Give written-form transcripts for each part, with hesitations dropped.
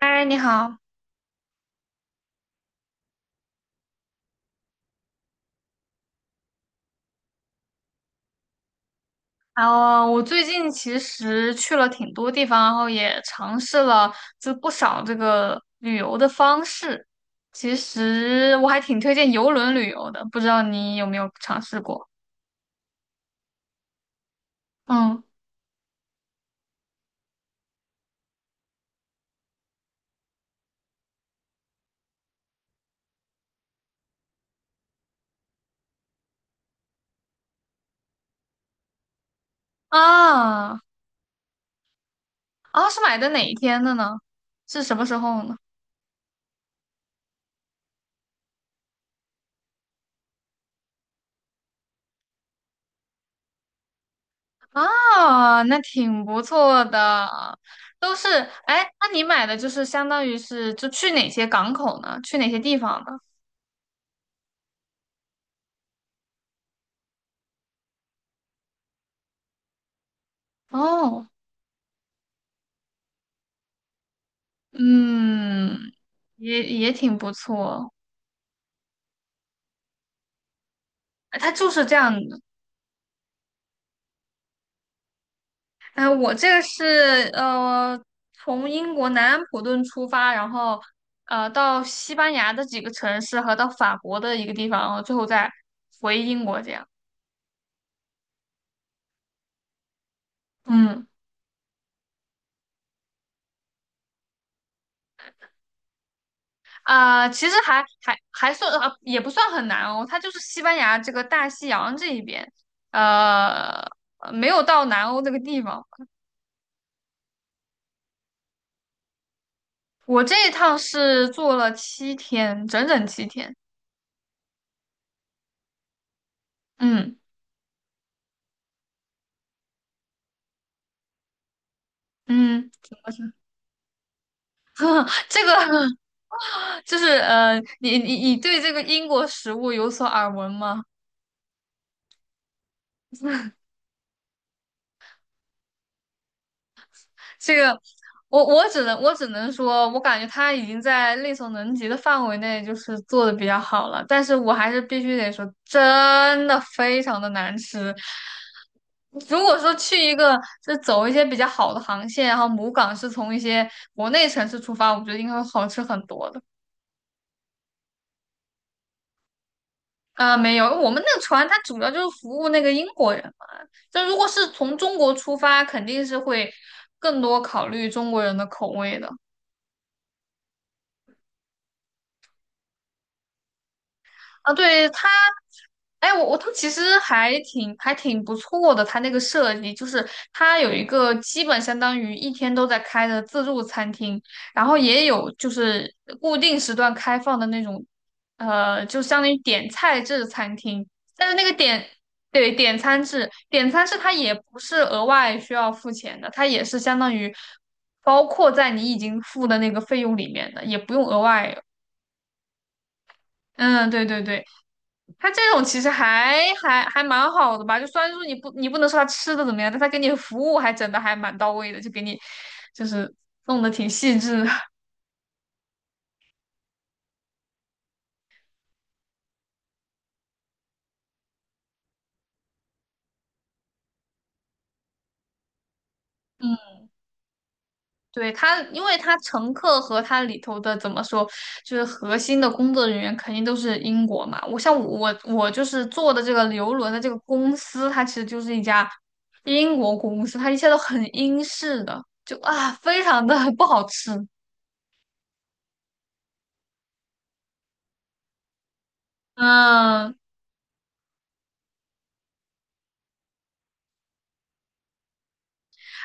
嗨，你好。我最近其实去了挺多地方，然后也尝试了不少这个旅游的方式。其实我还挺推荐游轮旅游的，不知道你有没有尝试过？嗯。啊是买的哪一天的呢？是什么时候呢？啊，那挺不错的。都是，哎，那你买的就是相当于是就去哪些港口呢？去哪些地方呢？哦。嗯，也挺不错。它就是这样的。哎，我这个是从英国南安普顿出发，然后到西班牙的几个城市和到法国的一个地方，然后最后再回英国这样。嗯，其实还算也不算很难哦。它就是西班牙这个大西洋这一边，呃，没有到南欧这个地方。我这一趟是坐了七天，整整七天。嗯。嗯，怎么说？这个就是你对这个英国食物有所耳闻吗？这个，我只能说，我感觉他已经在力所能及的范围内，就是做的比较好了。但是我还是必须得说，真的非常的难吃。如果说去一个走一些比较好的航线，然后母港是从一些国内城市出发，我觉得应该会好吃很多的。啊，没有，我们那个船它主要就是服务那个英国人嘛。就如果是从中国出发，肯定是会更多考虑中国人的口味的。啊，对它，哎，它其实还挺不错的，它那个设计就是它有一个基本相当于一天都在开的自助餐厅，然后也有就是固定时段开放的那种，呃，就相当于点菜制餐厅，但是那个点。对，点餐制它也不是额外需要付钱的，它也是相当于包括在你已经付的那个费用里面的，也不用额外。嗯，对对对。它这种其实还蛮好的吧，就虽然说你不能说它吃的怎么样，但它给你服务还整的还蛮到位的，就给你就是弄得挺细致的。嗯，对，它，因为它乘客和它里头的怎么说，就是核心的工作人员肯定都是英国嘛。我像我我就是做的这个游轮的这个公司，它其实就是一家英国公司，它一切都很英式的，就啊非常的 不好吃。嗯，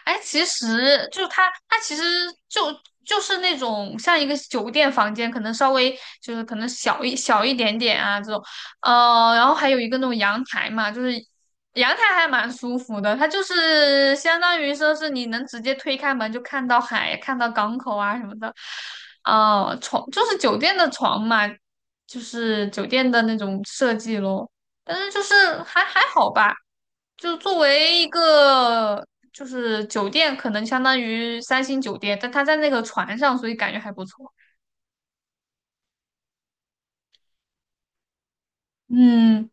哎，其实就是它其实就就是那种像一个酒店房间，可能稍微就是可能小一点点啊这种，呃，然后还有一个那种阳台嘛，就是阳台还蛮舒服的，它就是相当于说是你能直接推开门就看到海，看到港口啊什么的，呃，床就是酒店的床嘛，就是酒店的那种设计咯，但是就是还还好吧。就作为一个就是酒店可能相当于三星酒店，但它在那个船上，所以感觉还不错。嗯。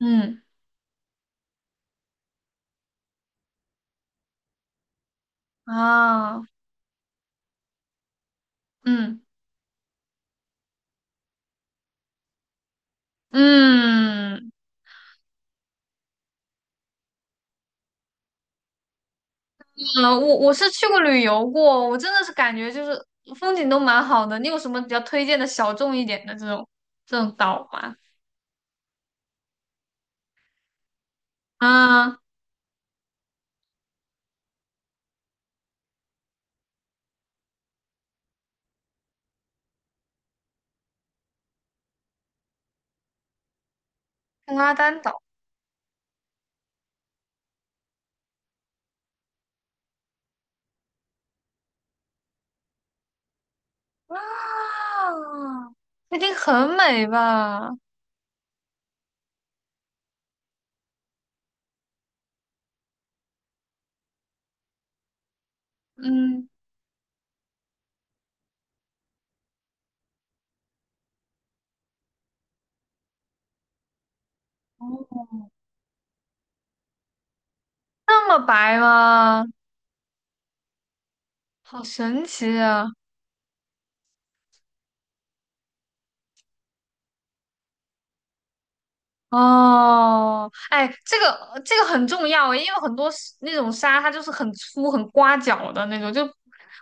嗯。啊。嗯嗯嗯，我我是去过旅游过，我真的是感觉就是风景都蛮好的。你有什么比较推荐的小众一点的这种岛吗？嗯。拉丹岛啊，那一定很美吧？嗯。哦，那么白吗？好神奇啊！哦，哎，这个很重要诶，因为很多是那种沙它就是很粗、很刮脚的那种，就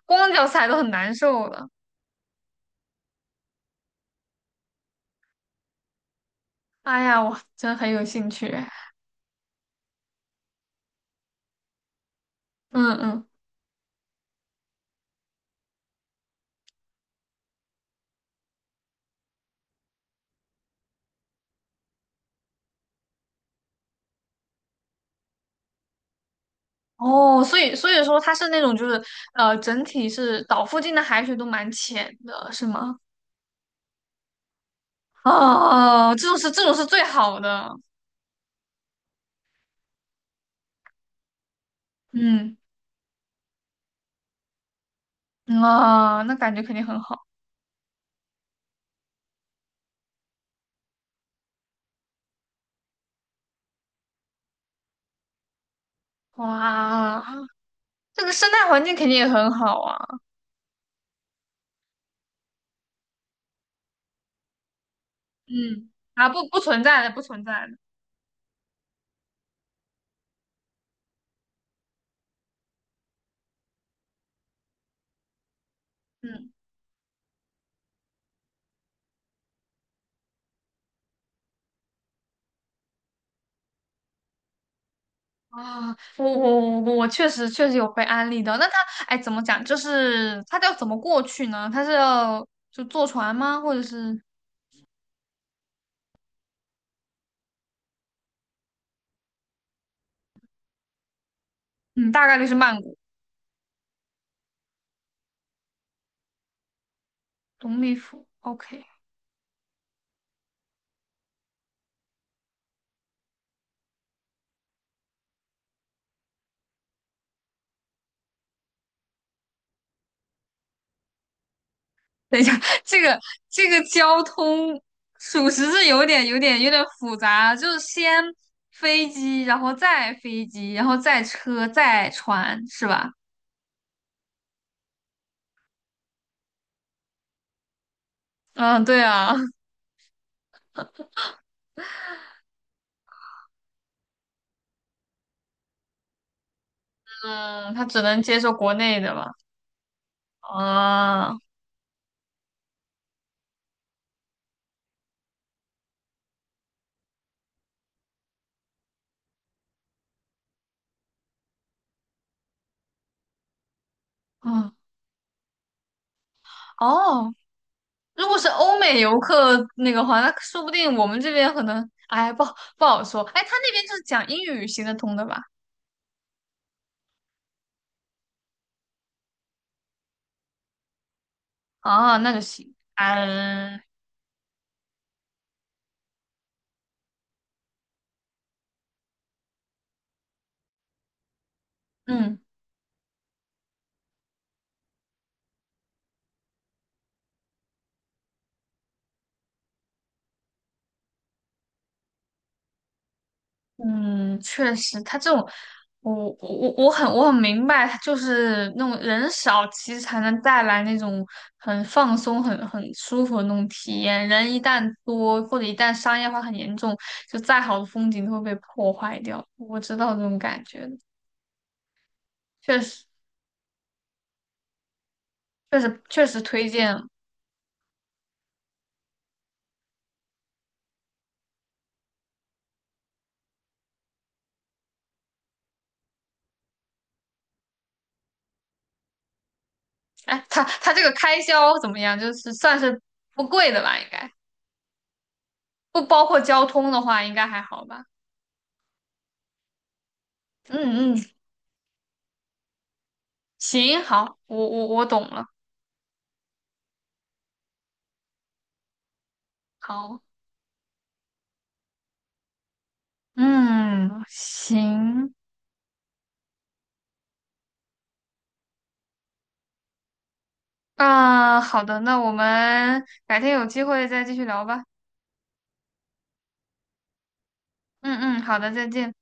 光脚踩都很难受的。哎呀，我真很有兴趣。嗯嗯。哦，所以说它是那种就是呃，整体是岛附近的海水都蛮浅的，是吗？哦，这种是最好的。嗯，啊，哦那感觉肯定很好。哇，这个生态环境肯定也很好啊。嗯，啊，不存在的，不存在的。嗯。啊，我确实有被安利的。那他哎，怎么讲？就是他要怎么过去呢？他是要就坐船吗？或者是嗯，大概率是曼谷东丽府。OK,等一下。这个这个交通属实是有点复杂，就是先飞机，然后再飞机，然后再车，再船，是吧？嗯，对啊。嗯，他只能接受国内的吧？啊。嗯。哦，如果是欧美游客那个话，那说不定我们这边可能，哎，不好说。哎，他那边就是讲英语行得通的吧？啊，那就行。嗯。嗯。嗯，确实，他这种，我我很明白，就是那种人少，其实才能带来那种很放松、很舒服的那种体验。人一旦多，或者一旦商业化很严重，就再好的风景都会被破坏掉。我知道这种感觉的。确实。确实确实推荐。哎，它这个开销怎么样？就是算是不贵的吧，应该不包括交通的话，应该还好吧？嗯嗯，行，好，我我懂了，好，嗯，行，啊，好的，那我们改天有机会再继续聊吧。嗯嗯，好的，再见。